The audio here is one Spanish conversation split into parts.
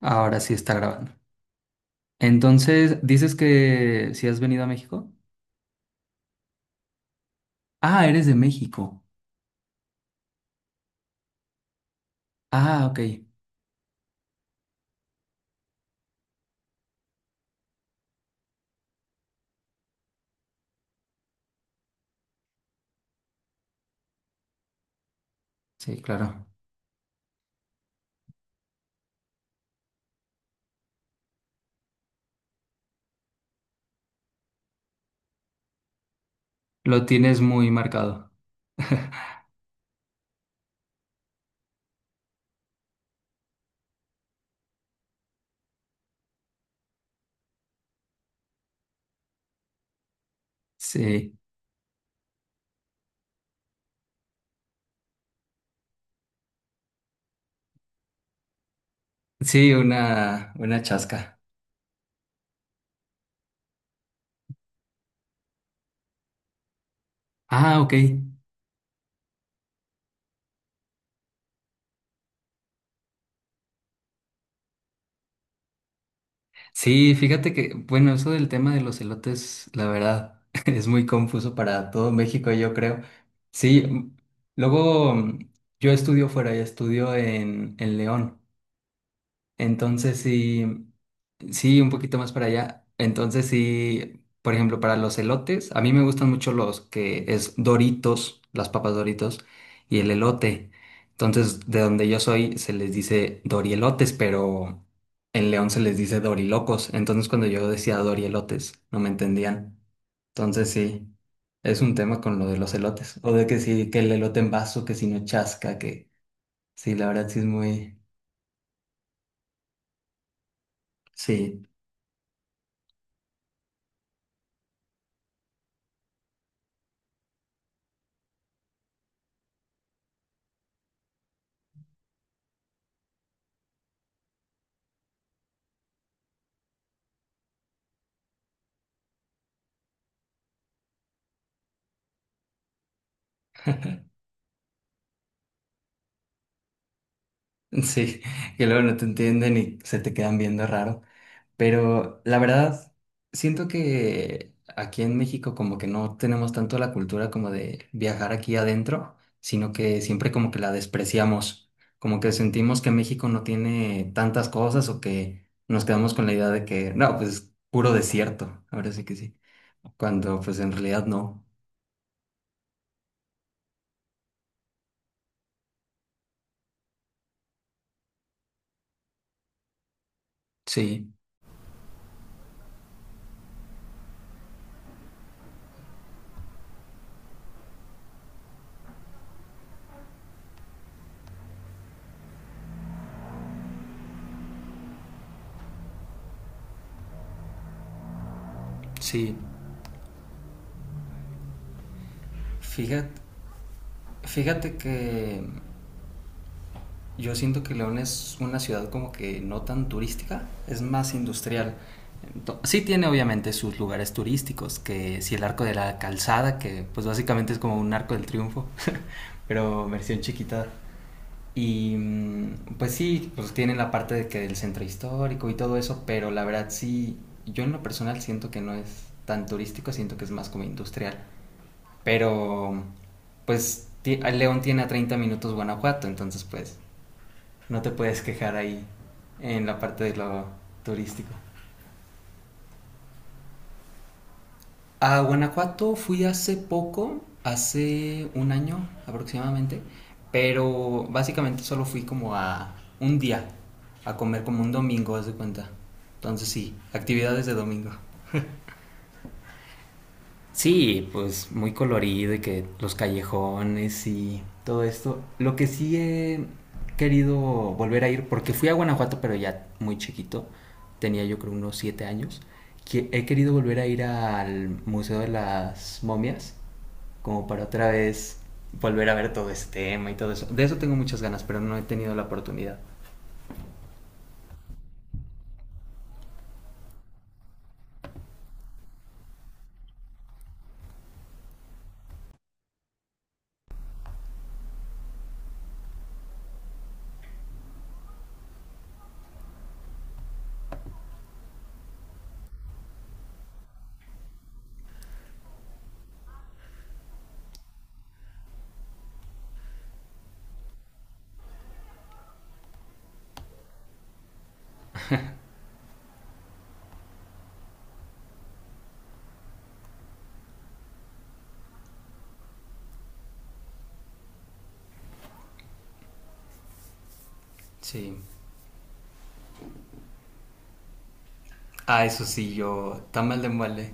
Ahora sí está grabando. Entonces, dices que si has venido a México. Ah, eres de México. Ah, ok. Sí, claro. Lo tienes muy marcado. Sí, sí, una chasca. Ah, ok. Sí, fíjate que, bueno, eso del tema de los elotes, la verdad, es muy confuso para todo México, yo creo. Sí, luego yo estudio fuera, y estudio en León. Entonces sí, sí, un poquito más para allá. Entonces sí, por ejemplo, para los elotes, a mí me gustan mucho los que es Doritos, las papas Doritos y el elote. Entonces, de donde yo soy se les dice dorielotes, pero en León se les dice dorilocos. Entonces, cuando yo decía dorielotes, no me entendían. Entonces sí, es un tema con lo de los elotes. O de que sí, que el elote en vaso, que si no chasca, que sí, la verdad sí es muy... Sí. Sí, que luego no te entienden y se te quedan viendo raro. Pero la verdad, siento que aquí en México como que no tenemos tanto la cultura como de viajar aquí adentro, sino que siempre como que la despreciamos, como que sentimos que México no tiene tantas cosas o que nos quedamos con la idea de que, no, pues es puro desierto, ahora sí que sí, cuando pues en realidad no. Sí. Sí. Fíjate, fíjate que yo siento que León es una ciudad como que no tan turística, es más industrial. Sí tiene obviamente sus lugares turísticos, que si el arco de la calzada, que pues básicamente es como un arco del triunfo, pero versión chiquita. Y mm, pues sí, pues tiene la parte de que del centro histórico y todo eso, pero la verdad sí, yo en lo personal siento que no es tan turístico, siento que es más como industrial. Pero pues León tiene a 30 minutos Guanajuato, entonces pues no te puedes quejar ahí en la parte de lo turístico. A Guanajuato fui hace poco, hace un año aproximadamente, pero básicamente solo fui como a un día, a comer como un domingo, haz de cuenta. Entonces sí, actividades de domingo. Sí, pues muy colorido y que los callejones y todo esto. Lo que sí he querido volver a ir, porque fui a Guanajuato, pero ya muy chiquito, tenía yo creo unos 7 años, que he querido volver a ir al Museo de las Momias, como para otra vez volver a ver todo este tema y todo eso. De eso tengo muchas ganas, pero no he tenido la oportunidad. Sí. Ah, eso sí, yo, tamal de mole.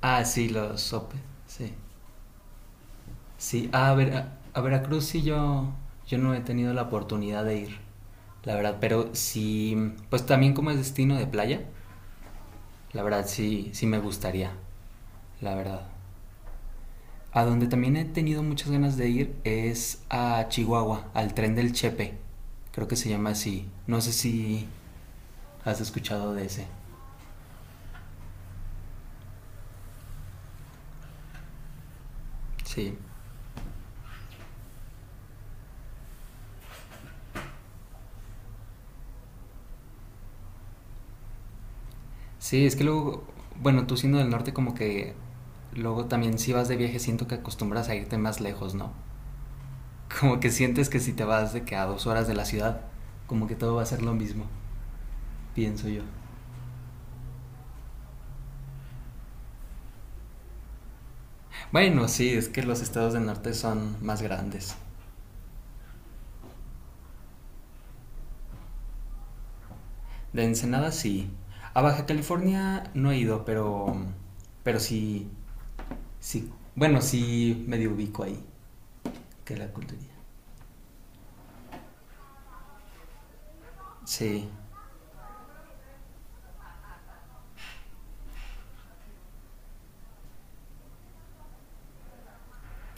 Ah, sí, los sopes, sí. Sí, a, ver, a Veracruz sí yo no he tenido la oportunidad de ir, la verdad, pero sí, pues también como es destino de playa, la verdad sí, sí me gustaría, la verdad. A donde también he tenido muchas ganas de ir es a Chihuahua, al tren del Chepe, creo que se llama así, no sé si has escuchado de ese. Sí, sí, es que luego, bueno, tú siendo del norte como que luego también si vas de viaje siento que acostumbras a irte más lejos, ¿no? Como que sientes que si te vas de que a 2 horas de la ciudad, como que todo va a ser lo mismo, pienso yo. Bueno, sí, es que los estados del norte son más grandes. De Ensenada sí. A Baja California no he ido, pero sí, bueno, sí medio ubico ahí que la cultura. Sí.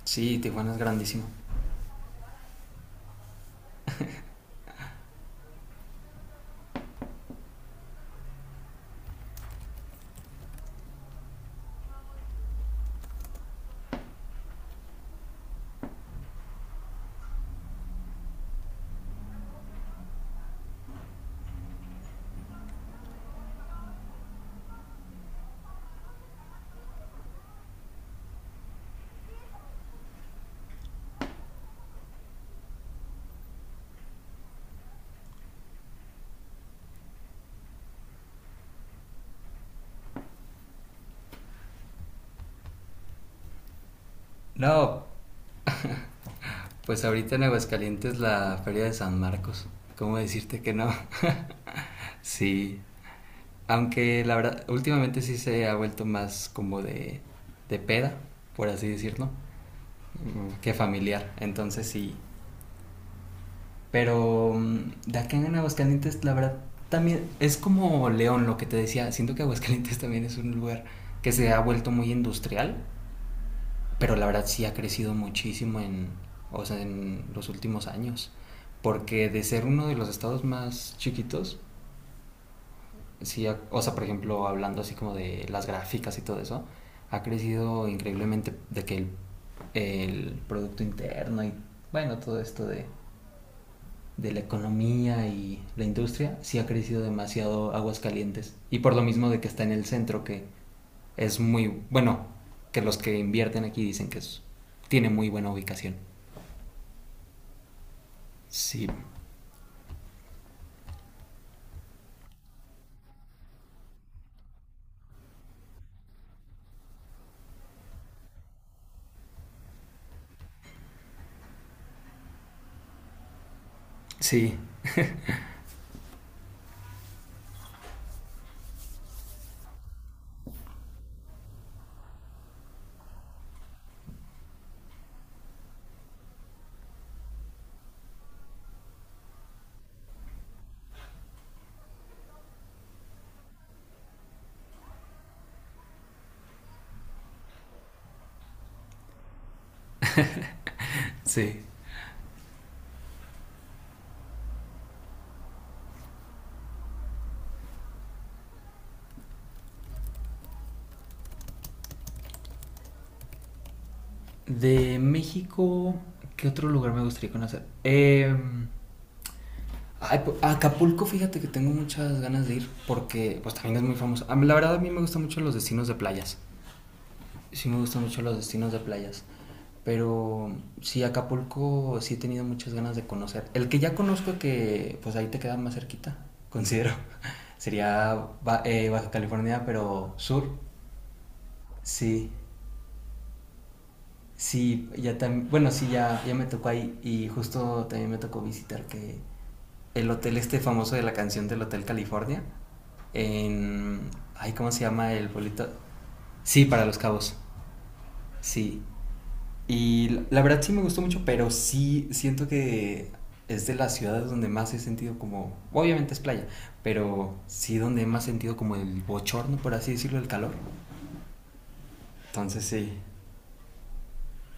Sí, Tijuana es grandísimo. No, pues ahorita en Aguascalientes la Feria de San Marcos. ¿Cómo decirte que no? Sí, aunque la verdad, últimamente sí se ha vuelto más como de peda, por así decirlo, que familiar. Entonces sí. Pero de acá en Aguascalientes, la verdad, también es como León, lo que te decía. Siento que Aguascalientes también es un lugar que se ha vuelto muy industrial, pero la verdad sí ha crecido muchísimo en, o sea, en los últimos años. Porque de ser uno de los estados más chiquitos, sí, o sea, por ejemplo, hablando así como de las gráficas y todo eso, ha crecido increíblemente de que el Producto Interno y, bueno, todo esto de la economía y la industria, sí ha crecido demasiado Aguascalientes. Y por lo mismo de que está en el centro, que es muy, bueno, que los que invierten aquí dicen que es, tiene muy buena ubicación. Sí, sí, sí. De México, ¿qué otro lugar me gustaría conocer? Ay, pues, a Acapulco, fíjate que tengo muchas ganas de ir porque pues también es muy famoso. A mí, la verdad a mí me gustan mucho los destinos de playas. Sí me gustan mucho los destinos de playas. Pero sí, Acapulco sí he tenido muchas ganas de conocer. El que ya conozco que pues ahí te queda más cerquita, considero. Sería Baja California, pero sur. Sí, sí, ya también, bueno, sí, ya, ya me tocó ahí y justo también me tocó visitar que el hotel este famoso de la canción del Hotel California. En... Ay, ¿cómo se llama el pueblito? Sí, para Los Cabos, sí. Y la verdad sí me gustó mucho, pero sí siento que es de las ciudades donde más he sentido como... Obviamente es playa, pero sí donde más he sentido como el bochorno, por así decirlo, el calor. Entonces sí,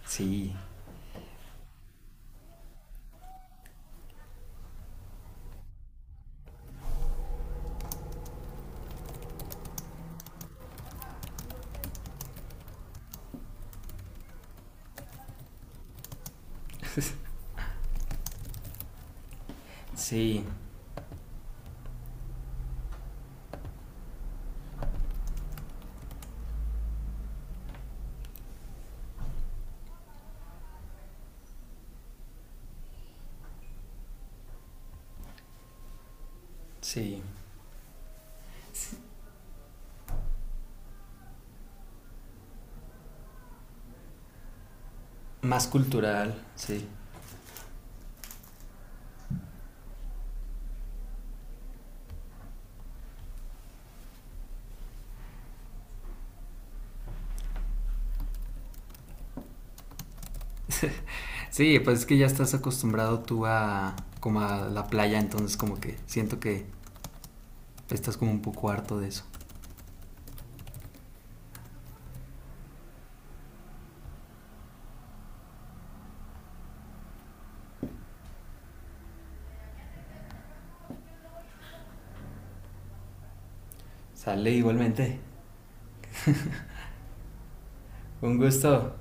sí, sí, sí. Más cultural, sí. Sí, pues es que ya estás acostumbrado tú a como a la playa, entonces como que siento que estás como un poco harto de eso. Sale igualmente. Un gusto.